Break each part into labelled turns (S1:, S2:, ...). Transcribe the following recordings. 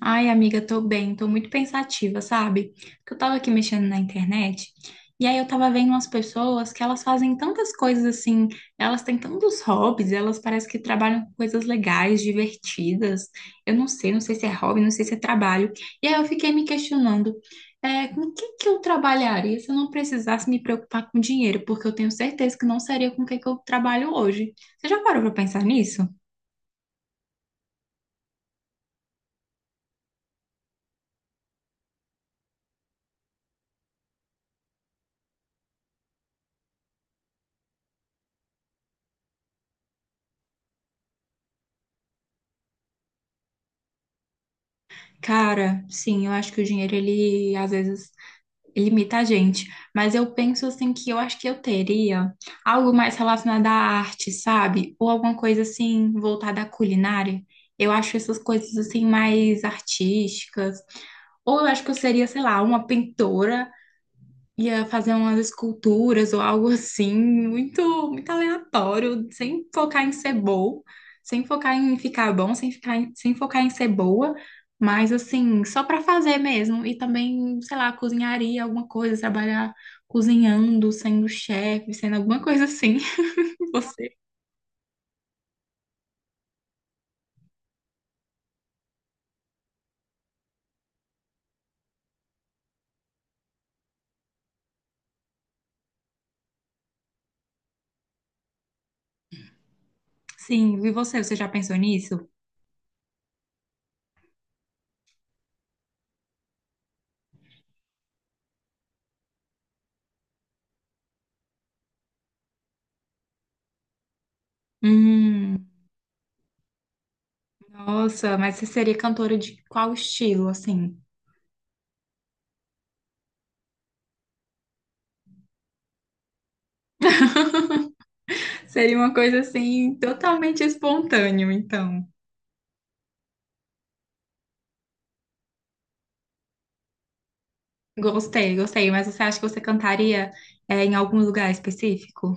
S1: Ai, amiga, tô bem, tô muito pensativa, sabe? Porque eu tava aqui mexendo na internet e aí eu tava vendo umas pessoas que elas fazem tantas coisas assim, elas têm tantos hobbies, elas parecem que trabalham com coisas legais, divertidas. Eu não sei, não sei se é hobby, não sei se é trabalho. E aí eu fiquei me questionando, com o que que eu trabalharia se eu não precisasse me preocupar com dinheiro? Porque eu tenho certeza que não seria com o que que eu trabalho hoje. Você já parou pra pensar nisso? Cara, sim, eu acho que o dinheiro, ele às vezes limita a gente. Mas eu penso assim que eu acho que eu teria algo mais relacionado à arte, sabe? Ou alguma coisa assim voltada à culinária. Eu acho essas coisas assim mais artísticas. Ou eu acho que eu seria, sei lá, uma pintora ia fazer umas esculturas ou algo assim, muito, muito aleatório, sem focar em ser bom, sem focar em ficar bom, sem focar em ser boa, mas assim, só para fazer mesmo. E também, sei lá, cozinharia alguma coisa, trabalhar cozinhando, sendo chefe, sendo alguma coisa assim. E você? Sim, e você? Você já pensou nisso? Hum, nossa, mas você seria cantora de qual estilo, assim? Seria uma coisa assim, totalmente espontâneo, então. Gostei, gostei. Mas você acha que você cantaria, em algum lugar específico?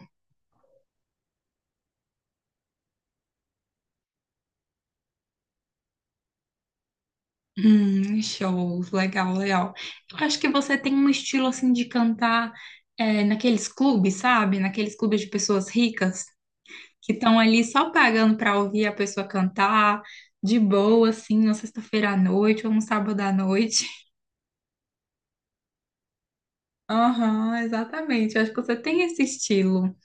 S1: Show, legal, legal. Eu acho que você tem um estilo assim de cantar, naqueles clubes, sabe? Naqueles clubes de pessoas ricas que estão ali só pagando para ouvir a pessoa cantar de boa, assim, na sexta-feira à noite ou no sábado à noite. Aham, exatamente. Eu acho que você tem esse estilo.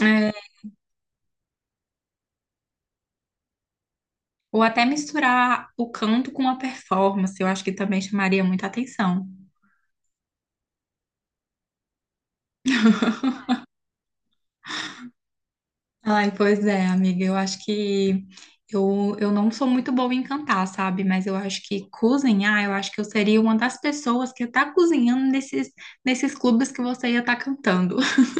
S1: É, ou até misturar o canto com a performance, eu acho que também chamaria muita atenção. Ai, pois é, amiga. Eu acho que eu não sou muito boa em cantar, sabe? Mas eu acho que cozinhar, eu acho que eu seria uma das pessoas que tá cozinhando nesses, nesses clubes que você ia estar cantando.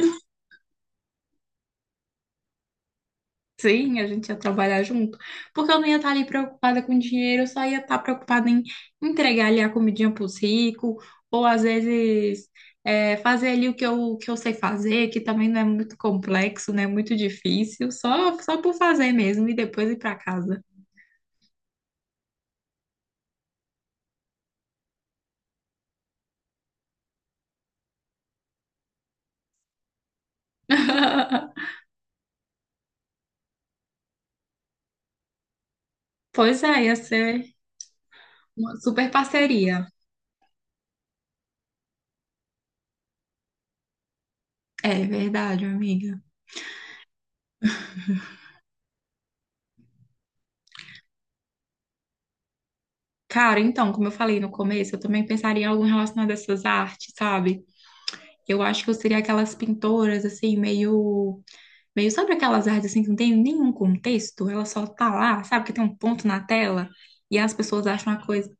S1: Sim, a gente ia trabalhar junto. Porque eu não ia estar ali preocupada com dinheiro, eu só ia estar preocupada em entregar ali a comidinha pros ricos, ou às vezes. Fazer ali o que eu sei fazer, que também não é muito complexo, não é muito difícil, só por fazer mesmo e depois ir para casa. Pois é, ia ser uma super parceria. É verdade, amiga. Cara, então, como eu falei no começo, eu também pensaria em algo relacionado a essas artes, sabe? Eu acho que eu seria aquelas pintoras, assim, meio. Meio, sabe aquelas artes, assim, que não tem nenhum contexto? Ela só tá lá, sabe? Que tem um ponto na tela e as pessoas acham uma coisa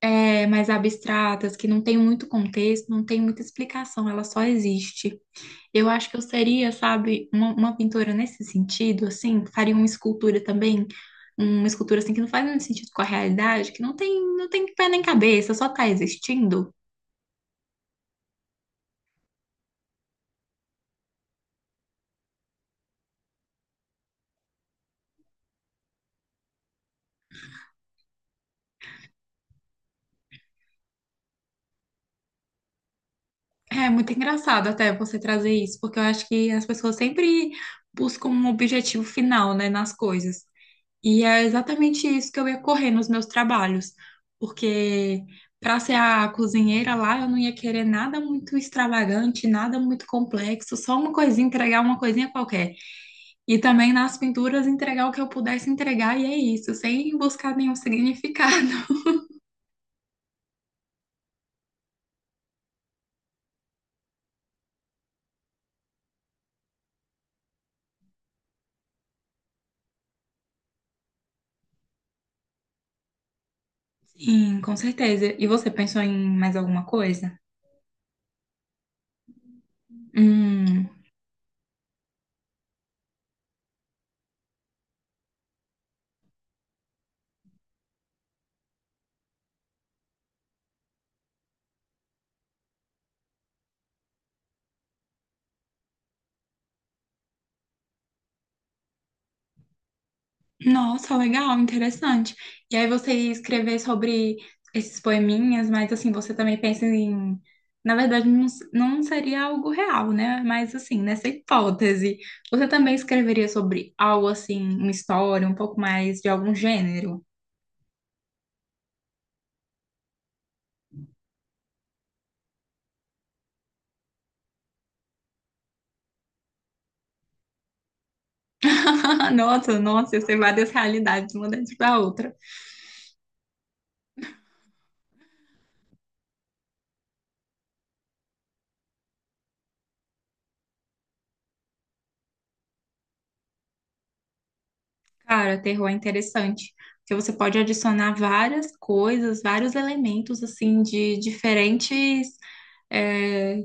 S1: mais abstratas, que não tem muito contexto, não tem muita explicação, ela só existe. Eu acho que eu seria, sabe, uma pintora nesse sentido, assim, faria uma escultura também, uma escultura assim que não faz muito sentido com a realidade, que não tem, não tem pé nem cabeça, só tá existindo. É muito engraçado até você trazer isso, porque eu acho que as pessoas sempre buscam um objetivo final, né, nas coisas. E é exatamente isso que eu ia correr nos meus trabalhos, porque para ser a cozinheira lá, eu não ia querer nada muito extravagante, nada muito complexo, só uma coisinha, entregar uma coisinha qualquer. E também nas pinturas entregar o que eu pudesse entregar, e é isso, sem buscar nenhum significado. Sim, com certeza. E você pensou em mais alguma coisa? Hum, nossa, legal, interessante. E aí você ia escrever sobre esses poeminhas, mas assim, você também pensa em. Na verdade, não, não seria algo real, né? Mas assim, nessa hipótese, você também escreveria sobre algo assim, uma história, um pouco mais de algum gênero? Nossa, nossa, ia ser várias realidades, uma dentro da outra. Cara, terror é interessante, porque você pode adicionar várias coisas, vários elementos, assim, de diferentes, é,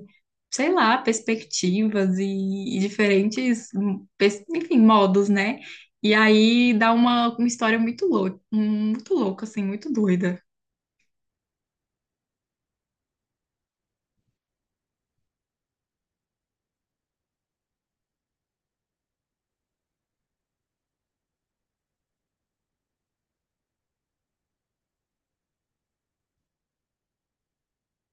S1: sei lá, perspectivas e diferentes, enfim, modos, né? E aí dá uma história muito louca, assim, muito doida.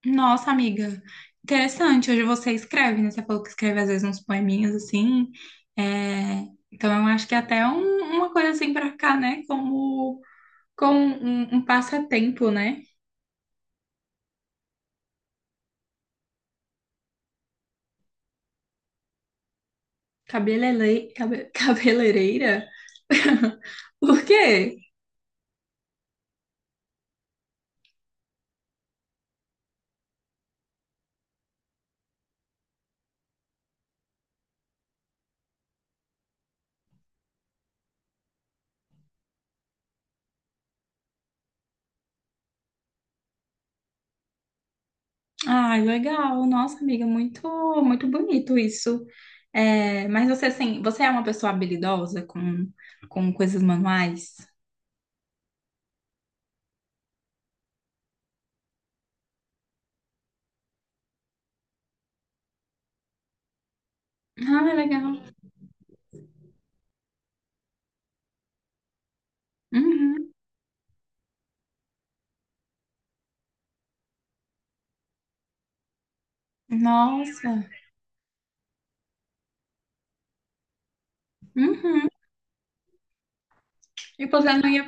S1: Nossa, amiga, interessante. Hoje você escreve, né? Você falou que escreve às vezes uns poeminhas assim. É, então eu acho que é até uma coisa assim pra cá, né? Como, como um passatempo, né? Cabelele... Cabeleireira? Por quê? Ai, legal. Nossa, amiga, muito, muito bonito isso. É, mas você, assim, você é uma pessoa habilidosa com coisas manuais? Ah, legal. Uhum. Nossa. Uhum. E você não ia,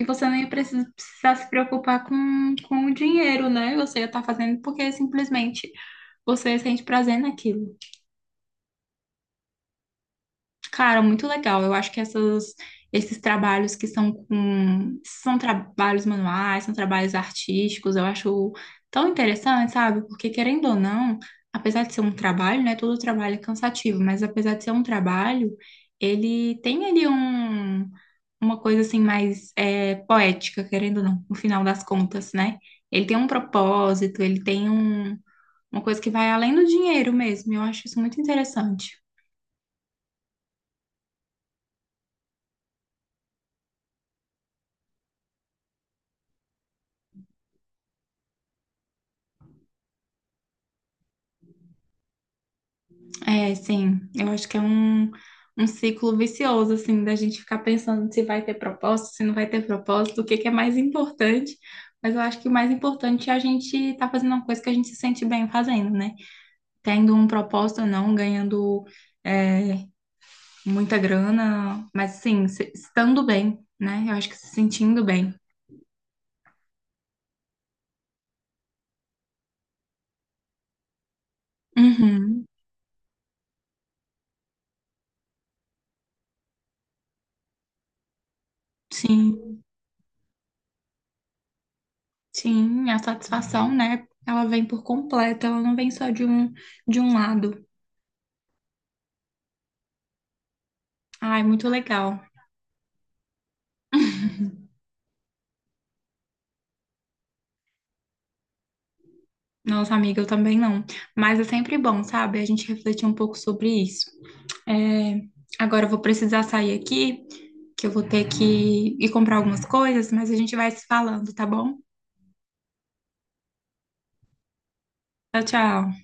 S1: e você não ia precisar se preocupar com o dinheiro, né? Você ia estar fazendo porque simplesmente você sente prazer naquilo. Cara, muito legal. Eu acho que essas, esses trabalhos que são com, são trabalhos manuais, são trabalhos artísticos, eu acho tão interessante, sabe? Porque querendo ou não, apesar de ser um trabalho, né? Todo trabalho é cansativo, mas apesar de ser um trabalho, ele tem ali um, uma coisa assim mais poética, querendo ou não, no final das contas, né? Ele tem um propósito, ele tem um, uma coisa que vai além do dinheiro mesmo. Eu acho isso muito interessante. É, sim. Eu acho que é um, um ciclo vicioso, assim, da gente ficar pensando se vai ter propósito, se não vai ter propósito, o que que é mais importante. Mas eu acho que o mais importante é a gente estar fazendo uma coisa que a gente se sente bem fazendo, né? Tendo um propósito ou não, ganhando é, muita grana, mas sim, estando bem, né? Eu acho que se sentindo bem. Uhum. Sim, sim, a satisfação, né? Ela vem por completo, ela não vem só de um lado. Ai, muito legal. Nossa, amiga, eu também não. Mas é sempre bom, sabe? A gente refletir um pouco sobre isso. É, agora eu vou precisar sair aqui, que eu vou ter que ir comprar algumas coisas, mas a gente vai se falando, tá bom? Tchau, tchau.